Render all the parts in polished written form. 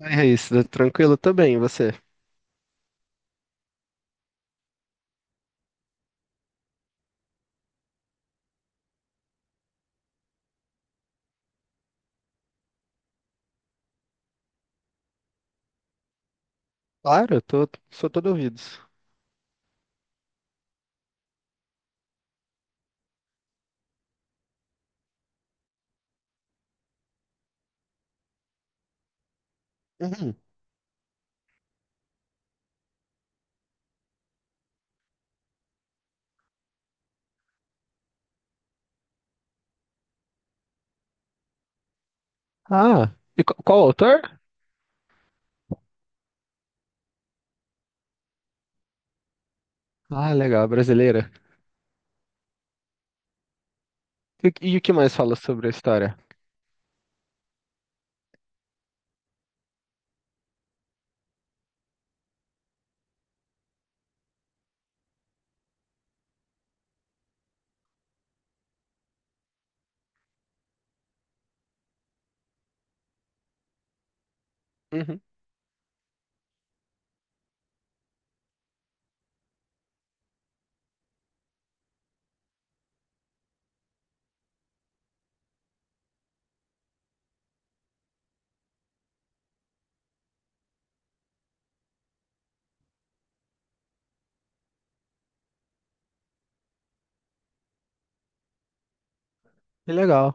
Oi, Raíssa, tranquilo também, e você? Claro, eu tô, sou todo ouvidos. Uhum. Ah, e qual autor? Ah, legal, brasileira. E o que mais fala sobre a história? Uhum. Que legal.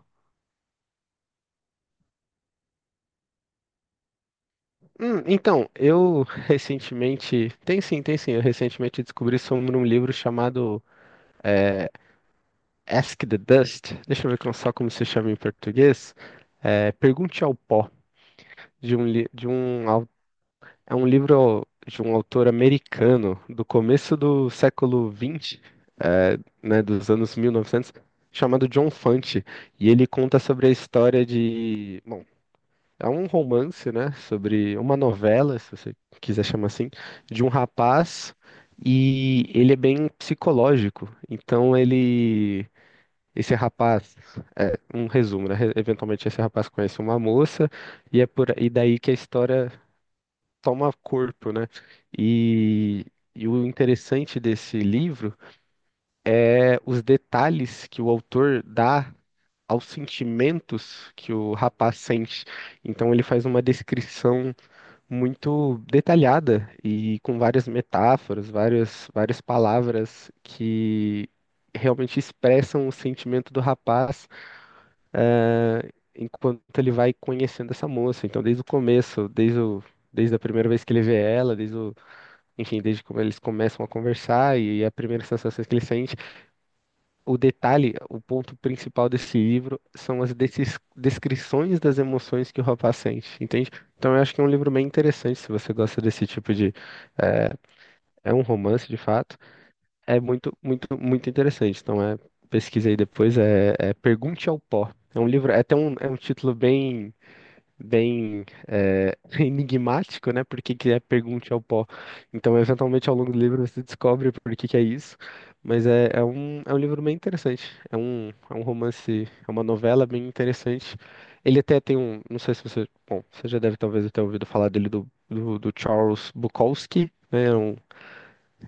Então, eu recentemente. Tem sim, tem sim. Eu recentemente descobri sobre um livro chamado é, Ask the Dust. Deixa eu ver só como se chama em português. É, Pergunte ao Pó, de um, é um livro de um autor americano do começo do século XX, é, né, dos anos 1900, chamado John Fante. E ele conta sobre a história de. Bom, é um romance, né? Sobre uma novela, se você quiser chamar assim, de um rapaz, e ele é bem psicológico. Então ele, esse rapaz, um resumo, né? Eventualmente esse rapaz conhece uma moça, e é por e daí que a história toma corpo, né? E E o interessante desse livro é os detalhes que o autor dá aos sentimentos que o rapaz sente. Então ele faz uma descrição muito detalhada e com várias metáforas, várias, várias palavras que realmente expressam o sentimento do rapaz enquanto ele vai conhecendo essa moça. Então, desde o começo, desde a primeira vez que ele vê ela, enfim, desde como eles começam a conversar e a primeira sensação que ele sente, o detalhe, o ponto principal desse livro são as descrições das emoções que o rapaz sente, entende? Então, eu acho que é um livro bem interessante se você gosta desse tipo de eh, é um romance de fato, é muito, muito, muito interessante. Então é, pesquisa aí depois, é Pergunte ao Pó. É um livro, é um título bem, bem é, enigmático, né? Por que que é Pergunte ao Pó? Então, eventualmente, ao longo do livro, você descobre por que que é isso. Mas é, é um livro bem interessante. É um romance, é uma novela bem interessante. Ele até tem um, não sei se você, bom, você já deve talvez ter ouvido falar dele do Charles Bukowski, né?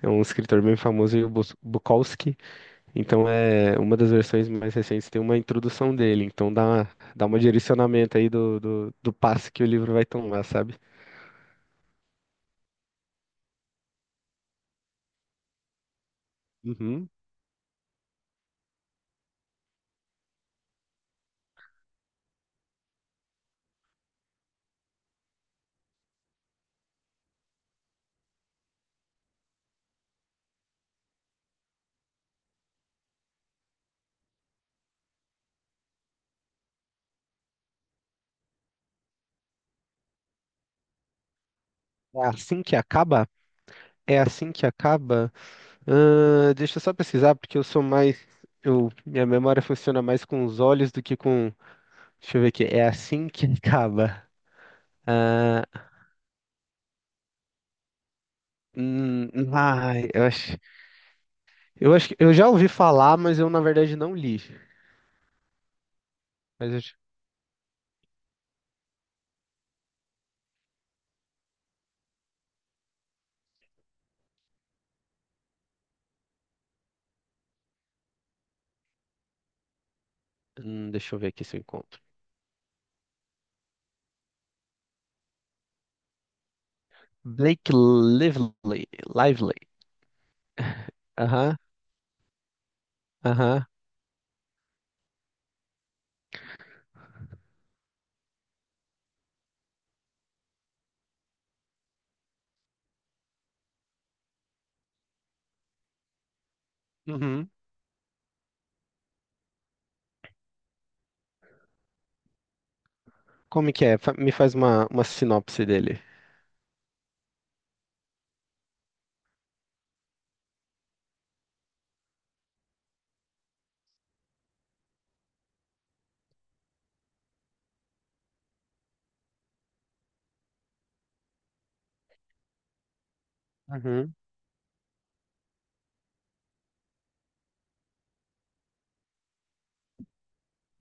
É um escritor bem famoso, o Bukowski. Então, é uma das versões mais recentes tem uma introdução dele. Então, dá, dá um direcionamento aí do passo que o livro vai tomar, sabe? Uhum. É assim que acaba? É assim que acaba? Deixa eu só pesquisar, porque eu sou mais. Eu, minha memória funciona mais com os olhos do que com. Deixa eu ver aqui. É assim que acaba. Ah, ai, eu acho que eu já ouvi falar, mas eu na verdade não li. Mas eu, deixa eu ver aqui se eu encontro. Blake Lively. Lively. Aham, aham. Uhum. Como que é? Me faz uma sinopse dele. Uhum,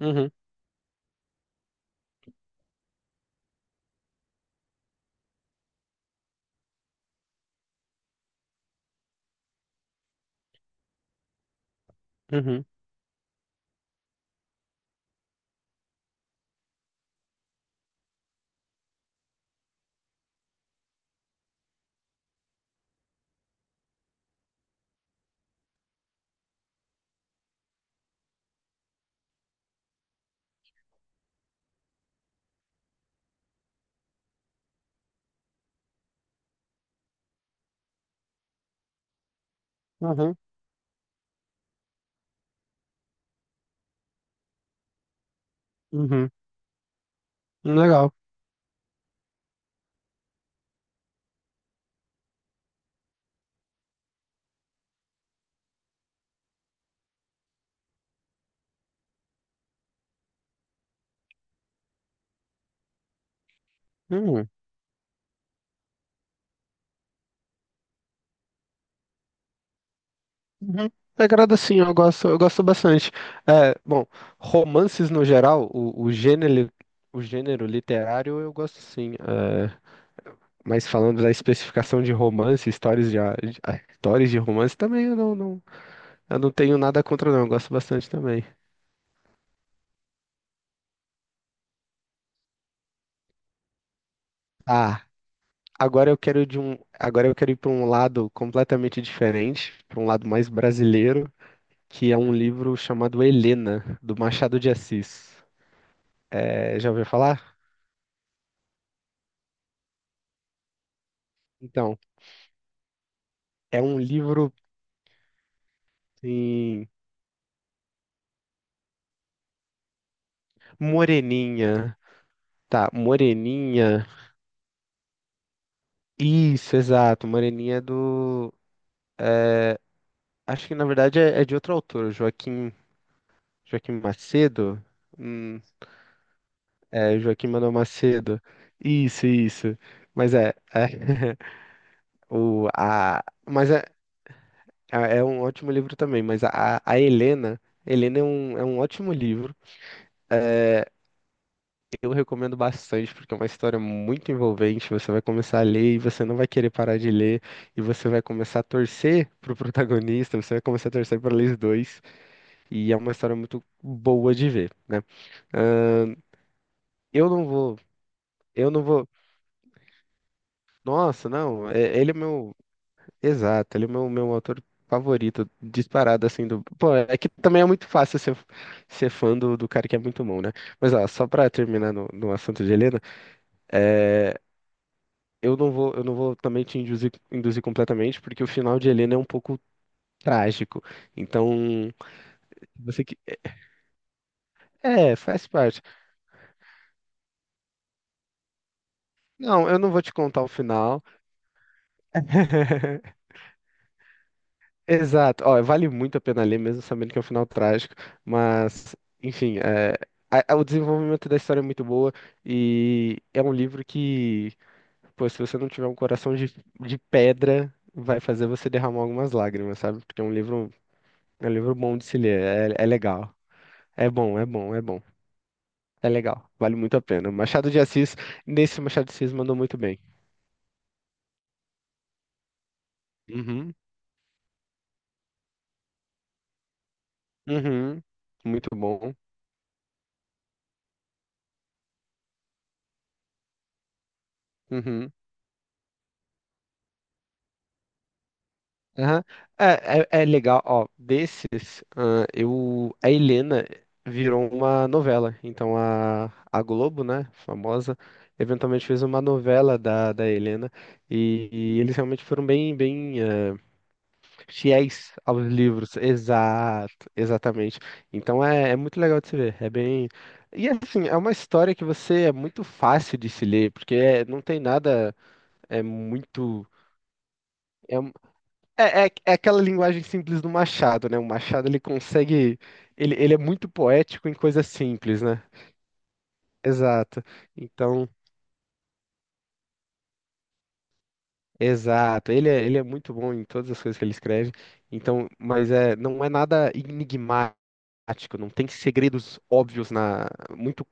uhum, uhum, uhum, uhum. Legal. Uhum, uhum. Agrada sim, eu gosto bastante. É, bom, romances no geral, o gênero literário eu gosto sim. É, mas falando da especificação de romance, histórias de, ah, histórias de romance também eu não, não, eu não tenho nada contra não, eu gosto bastante também. Ah, agora eu quero ir para um lado completamente diferente, para um lado mais brasileiro, que é um livro chamado Helena, do Machado de Assis. É, já ouviu falar? Então, é um livro em Moreninha, tá? Moreninha. Isso, exato. Moreninha é do, acho que na verdade é, é de outro autor, Joaquim, Joaquim Macedo. Hum, é, Joaquim Manuel Macedo. Isso, isso. Mas é, é. O, a, mas é, é um ótimo livro também, mas a Helena, Helena é um ótimo livro. Eu recomendo bastante, porque é uma história muito envolvente. Você vai começar a ler e você não vai querer parar de ler, e você vai começar a torcer pro protagonista, você vai começar a torcer para eles dois, e é uma história muito boa de ver, né? Eu não vou, eu não vou. Nossa, não, ele é meu. Exato, ele é o meu, meu autor favorito, disparado assim do. Pô, é que também é muito fácil ser, ser fã do cara que é muito bom, né? Mas ó, só pra terminar no assunto de Helena, é, eu não vou também te induzir, induzir completamente, porque o final de Helena é um pouco trágico. Então, se você que. É, faz parte. Não, eu não vou te contar o final. Exato. Ó, vale muito a pena ler, mesmo sabendo que é um final trágico, mas, enfim, é, o desenvolvimento da história é muito boa e é um livro que, pô, se você não tiver um coração de pedra, vai fazer você derramar algumas lágrimas, sabe? Porque é um livro bom de se ler, é, é legal. É bom, é bom, é bom. É legal, vale muito a pena. Machado de Assis, nesse Machado de Assis mandou muito bem. Uhum, uhum, muito bom. Uhum. Aham. É, é, é legal, ó, desses, ah, eu, a Helena virou uma novela, então a Globo, né, famosa, eventualmente fez uma novela da Helena, e eles realmente foram bem, bem, ah, fiéis aos livros, exato, exatamente, então é, é muito legal de se ver, é bem, e assim, é uma história que você, é muito fácil de se ler, porque não tem nada, é muito... é é, é, é aquela linguagem simples do Machado, né? O Machado ele consegue. Ele é muito poético em coisas simples, né? Exato. Então, exato. Ele é muito bom em todas as coisas que ele escreve. Então, mas é, não é nada enigmático. Prático, não tem segredos óbvios na muito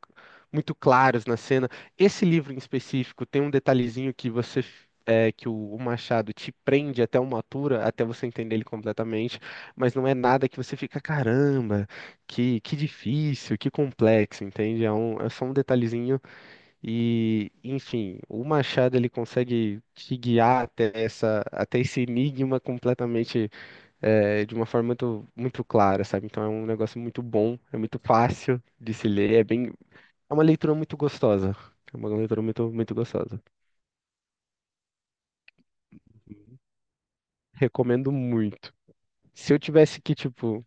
muito claros na cena. Esse livro em específico tem um detalhezinho que você é, que o Machado te prende até uma altura, até você entender ele completamente, mas não é nada que você fica, caramba, que difícil, que complexo, entende? É, um, é só um detalhezinho e, enfim, o Machado ele consegue te guiar até essa, até esse enigma completamente é, de uma forma muito, muito clara, sabe? Então é um negócio muito bom, é muito fácil de se ler, é bem, é uma leitura muito gostosa. É uma leitura muito, muito gostosa. Recomendo muito. Se eu tivesse que, tipo,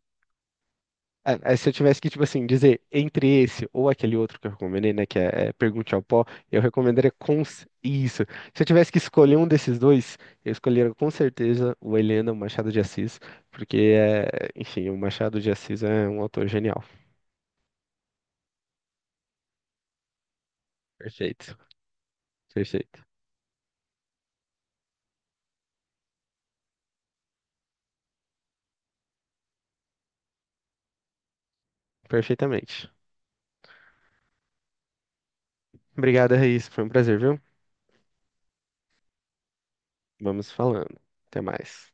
é, é, se eu tivesse que, tipo assim, dizer entre esse ou aquele outro que eu recomendei, né, que é, é Pergunte ao Pó, eu recomendaria com isso. Se eu tivesse que escolher um desses dois, eu escolheria com certeza o Helena, o Machado de Assis, porque é, enfim, o Machado de Assis é um autor genial. Perfeito, perfeito. Perfeitamente. Obrigado, Raíssa. Foi um prazer, viu? Vamos falando. Até mais.